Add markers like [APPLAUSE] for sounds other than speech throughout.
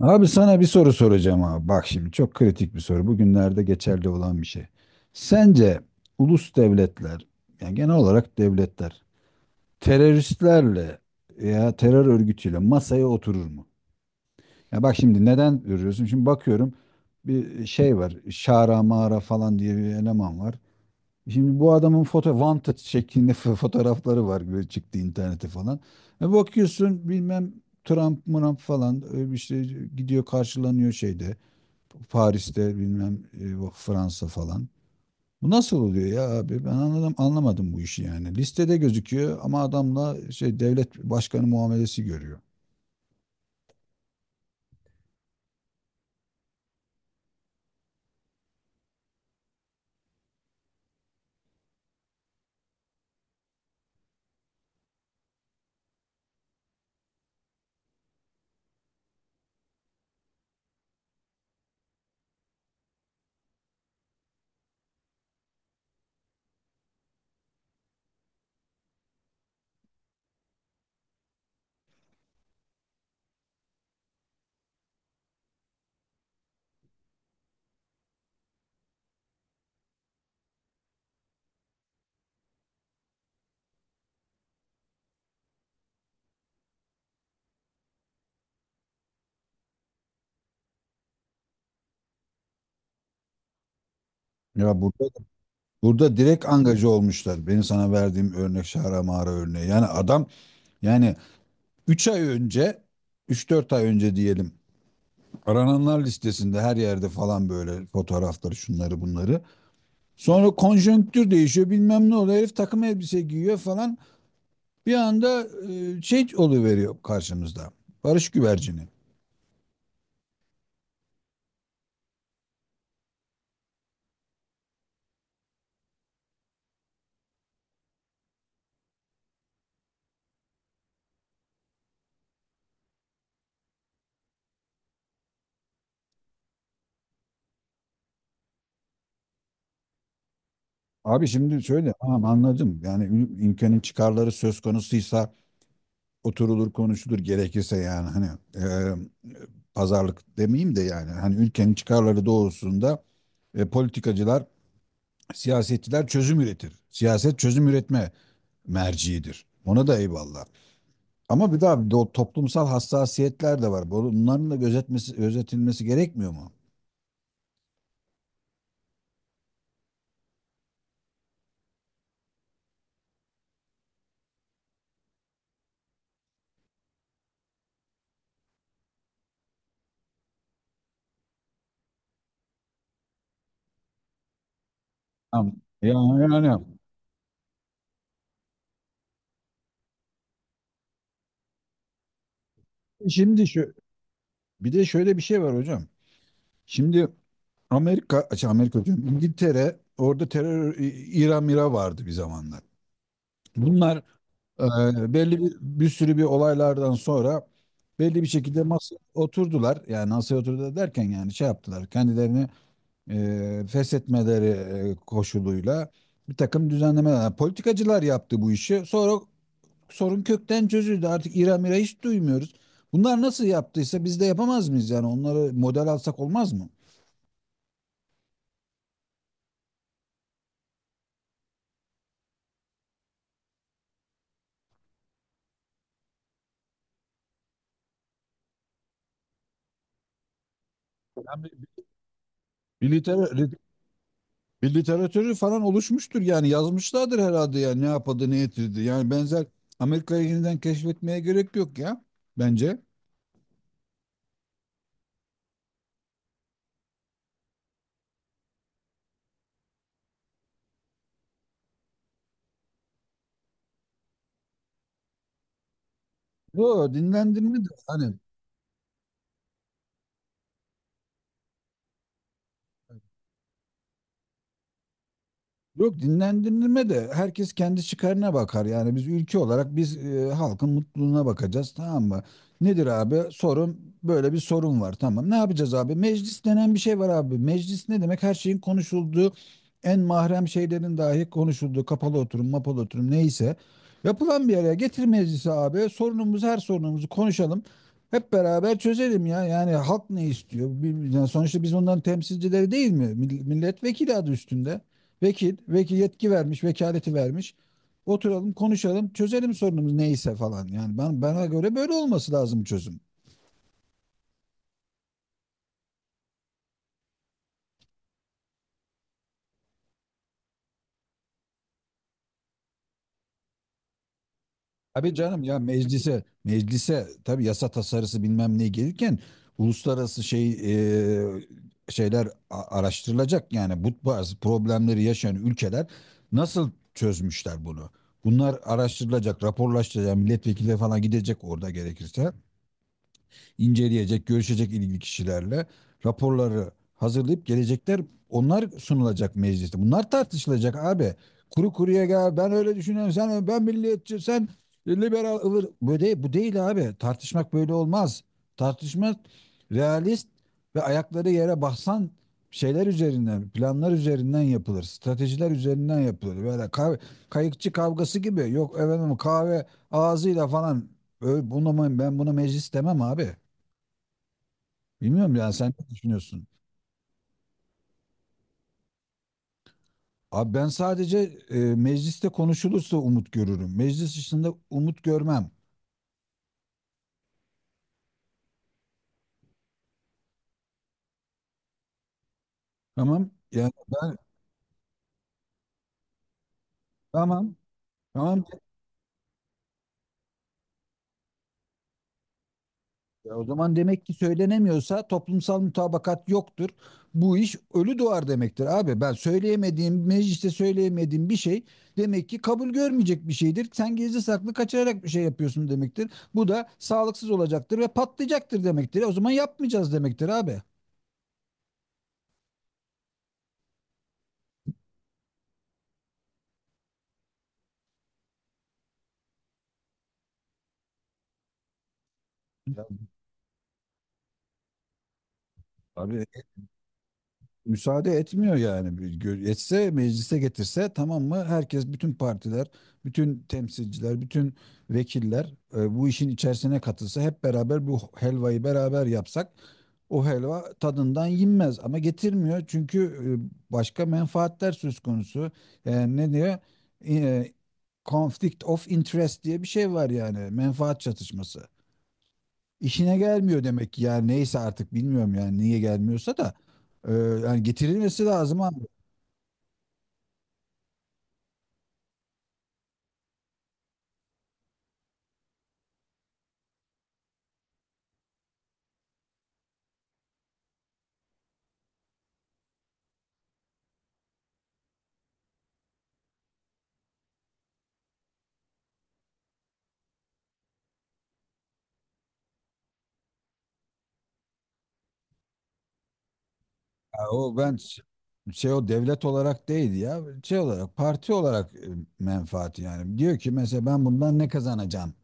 Abi sana bir soru soracağım abi. Bak şimdi çok kritik bir soru. Bugünlerde geçerli olan bir şey. Sence ulus devletler, yani genel olarak devletler, teröristlerle veya terör örgütüyle masaya oturur mu? Ya bak şimdi neden görüyorsun? Şimdi bakıyorum bir şey var. Şara Mara falan diye bir eleman var. Şimdi bu adamın foto wanted şeklinde [LAUGHS] fotoğrafları var böyle çıktı internete falan. E bakıyorsun bilmem Trump falan işte gidiyor karşılanıyor şeyde. Paris'te bilmem Fransa falan. Bu nasıl oluyor ya abi? Ben anladım, anlamadım bu işi yani. Listede gözüküyor ama adamla şey devlet başkanı muamelesi görüyor. Ya burada direkt angaja olmuşlar. Benim sana verdiğim örnek şahra mağara örneği. Yani adam yani 3 ay önce 3-4 ay önce diyelim arananlar listesinde her yerde falan böyle fotoğrafları şunları bunları. Sonra konjonktür değişiyor bilmem ne oluyor. Herif takım elbise giyiyor falan. Bir anda şey oluveriyor karşımızda. Barış güvercini. Abi şimdi söyle tamam anladım. Yani ülkenin çıkarları söz konusuysa oturulur konuşulur gerekirse yani hani e, pazarlık demeyeyim de yani hani ülkenin çıkarları doğrusunda politikacılar, siyasetçiler çözüm üretir. Siyaset çözüm üretme merciidir. Ona da eyvallah. Ama bir daha bir toplumsal hassasiyetler de var. Bunların da gözetmesi, gözetilmesi gerekmiyor mu? Tamam. Yani, yani. Şimdi şu, bir de şöyle bir şey var hocam. Şimdi Amerika, şey Amerika diyorum, İngiltere orada terör İran Mira vardı bir zamanlar. Bunlar belli bir, bir sürü bir olaylardan sonra belli bir şekilde masaya oturdular. Yani masaya oturdu derken yani şey yaptılar. Kendilerini feshetmeleri koşuluyla bir takım düzenlemeler. Yani politikacılar yaptı bu işi. Sonra sorun kökten çözüldü. Artık İra mira hiç duymuyoruz. Bunlar nasıl yaptıysa biz de yapamaz mıyız? Yani onları model alsak olmaz mı? Yani bir, liter- bir literatürü falan oluşmuştur yani yazmışlardır herhalde yani ne yapadı ne getirdi. Yani benzer Amerika'yı yeniden keşfetmeye gerek yok ya bence. Yo dinlendirme de hani Yok dinlendirme de herkes kendi çıkarına bakar. Yani biz ülke olarak biz halkın mutluluğuna bakacağız tamam mı? Nedir abi? Sorun böyle bir sorun var tamam. Ne yapacağız abi? Meclis denen bir şey var abi. Meclis ne demek? Her şeyin konuşulduğu en mahrem şeylerin dahi konuşulduğu kapalı oturum, mapalı oturum neyse yapılan bir araya getir meclisi abi. Sorunumuz her sorunumuzu konuşalım. Hep beraber çözelim ya. Yani halk ne istiyor? Yani sonuçta biz onların temsilcileri değil mi? Milletvekili adı üstünde. Vekil yetki vermiş, vekaleti vermiş. Oturalım, konuşalım, çözelim sorunumuz neyse falan. Yani ben bana göre böyle olması lazım çözüm. Abi canım ya meclise tabii yasa tasarısı bilmem ne gelirken uluslararası şey e, şeyler araştırılacak. Yani bu bazı problemleri yaşayan ülkeler nasıl çözmüşler bunu? Bunlar araştırılacak, raporlaştırılacak, milletvekili falan gidecek orada gerekirse, inceleyecek, görüşecek ilgili kişilerle raporları hazırlayıp gelecekler onlar sunulacak mecliste. Bunlar tartışılacak abi. Kuru kuruya gel ben öyle düşünüyorum sen ben milliyetçi sen liberal ıvır. Bu değil, bu değil abi. Tartışmak böyle olmaz. Tartışmak realist ve ayakları yere basan şeyler üzerinden, planlar üzerinden yapılır. Stratejiler üzerinden yapılır. Böyle kayıkçı kavgası gibi. Yok efendim kahve ağzıyla falan. Bunu, ben buna meclis demem abi. Bilmiyorum yani sen ne düşünüyorsun? Abi ben sadece mecliste konuşulursa umut görürüm. Meclis dışında umut görmem. Tamam. Yani ben tamam. Tamam. Ya o zaman demek ki söylenemiyorsa toplumsal mutabakat yoktur. Bu iş ölü doğar demektir abi. Ben söyleyemediğim, mecliste söyleyemediğim bir şey demek ki kabul görmeyecek bir şeydir. Sen gizli saklı kaçırarak bir şey yapıyorsun demektir. Bu da sağlıksız olacaktır ve patlayacaktır demektir. O zaman yapmayacağız demektir abi. Ya, abi müsaade etmiyor yani. Etse meclise getirse tamam mı? Herkes bütün partiler, bütün temsilciler, bütün vekiller bu işin içerisine katılsa hep beraber bu helvayı beraber yapsak o helva tadından yenmez ama getirmiyor çünkü başka menfaatler söz konusu. Yani ne diyor? E, Conflict of interest diye bir şey var yani menfaat çatışması. İşine gelmiyor demek ki yani neyse artık bilmiyorum yani niye gelmiyorsa da yani getirilmesi lazım abi. Ya o ben şey o devlet olarak değil ya şey olarak parti olarak menfaati yani diyor ki mesela ben bundan ne kazanacağım?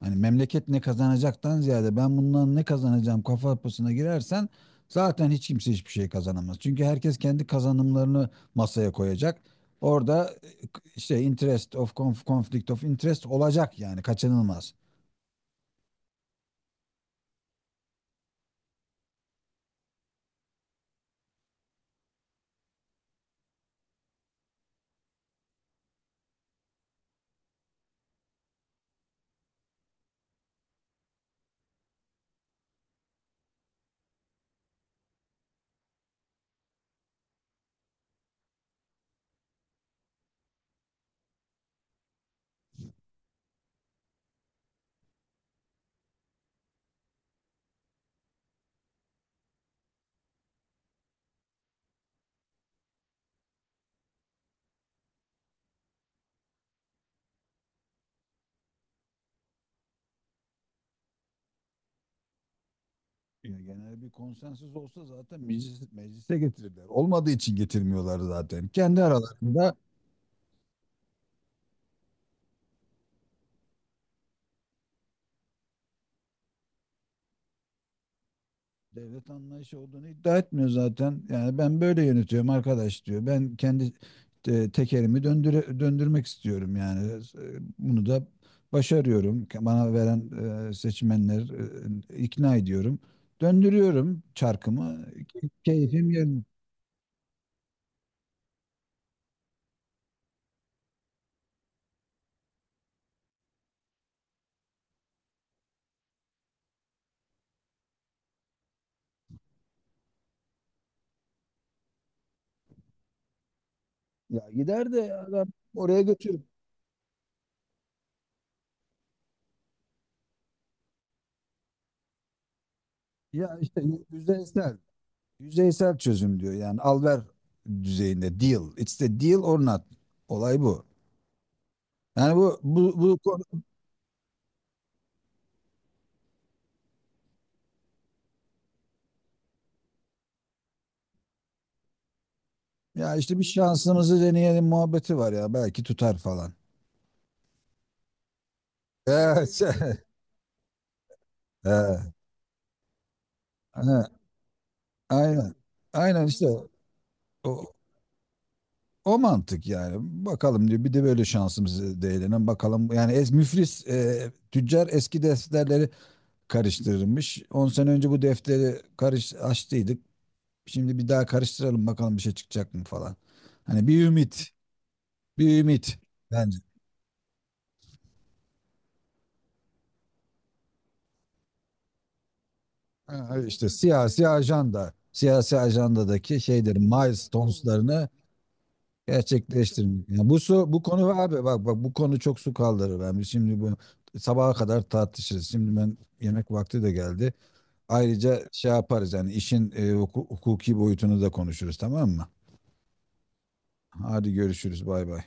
Hani memleket ne kazanacaktan ziyade ben bundan ne kazanacağım kafa yapısına girersen zaten hiç kimse hiçbir şey kazanamaz. Çünkü herkes kendi kazanımlarını masaya koyacak. Orada işte conflict of interest olacak yani kaçınılmaz. Ya genel bir konsensüs olsa zaten meclise getirirler. Olmadığı için getirmiyorlar zaten. Kendi aralarında devlet anlayışı olduğunu iddia etmiyor zaten. Yani ben böyle yönetiyorum arkadaş diyor. Ben kendi tekerimi döndürmek istiyorum yani. Bunu da başarıyorum. Bana veren seçmenler ikna ediyorum. Döndürüyorum çarkımı. Keyfim yerine. Ya gider de adam oraya götürür. Ya işte yüzde ister. Yüzeysel çözüm diyor. Yani al ver düzeyinde deal. It's the deal or not. Olay bu. Yani ya işte bir şansımızı deneyelim muhabbeti var ya belki tutar falan. Evet. [LAUGHS] Evet. Ha, aynen. Aynen işte o, o mantık yani. Bakalım diyor bir de böyle şansımızı değinelim bakalım. Yani müflis tüccar eski defterleri karıştırırmış. 10 sene önce bu defteri karış açtıydık. Şimdi bir daha karıştıralım bakalım bir şey çıkacak mı falan. Hani bir ümit bence. Ha, İşte siyasi siyasi ajandadaki şeyleri, milestones'larını gerçekleştirmek. Yani bu konu abi bak bak bu konu çok su kaldırır. Yani biz şimdi bu sabaha kadar tartışırız. Şimdi ben yemek vakti de geldi. Ayrıca şey yaparız yani işin hukuki boyutunu da konuşuruz tamam mı? Hadi görüşürüz bay bay.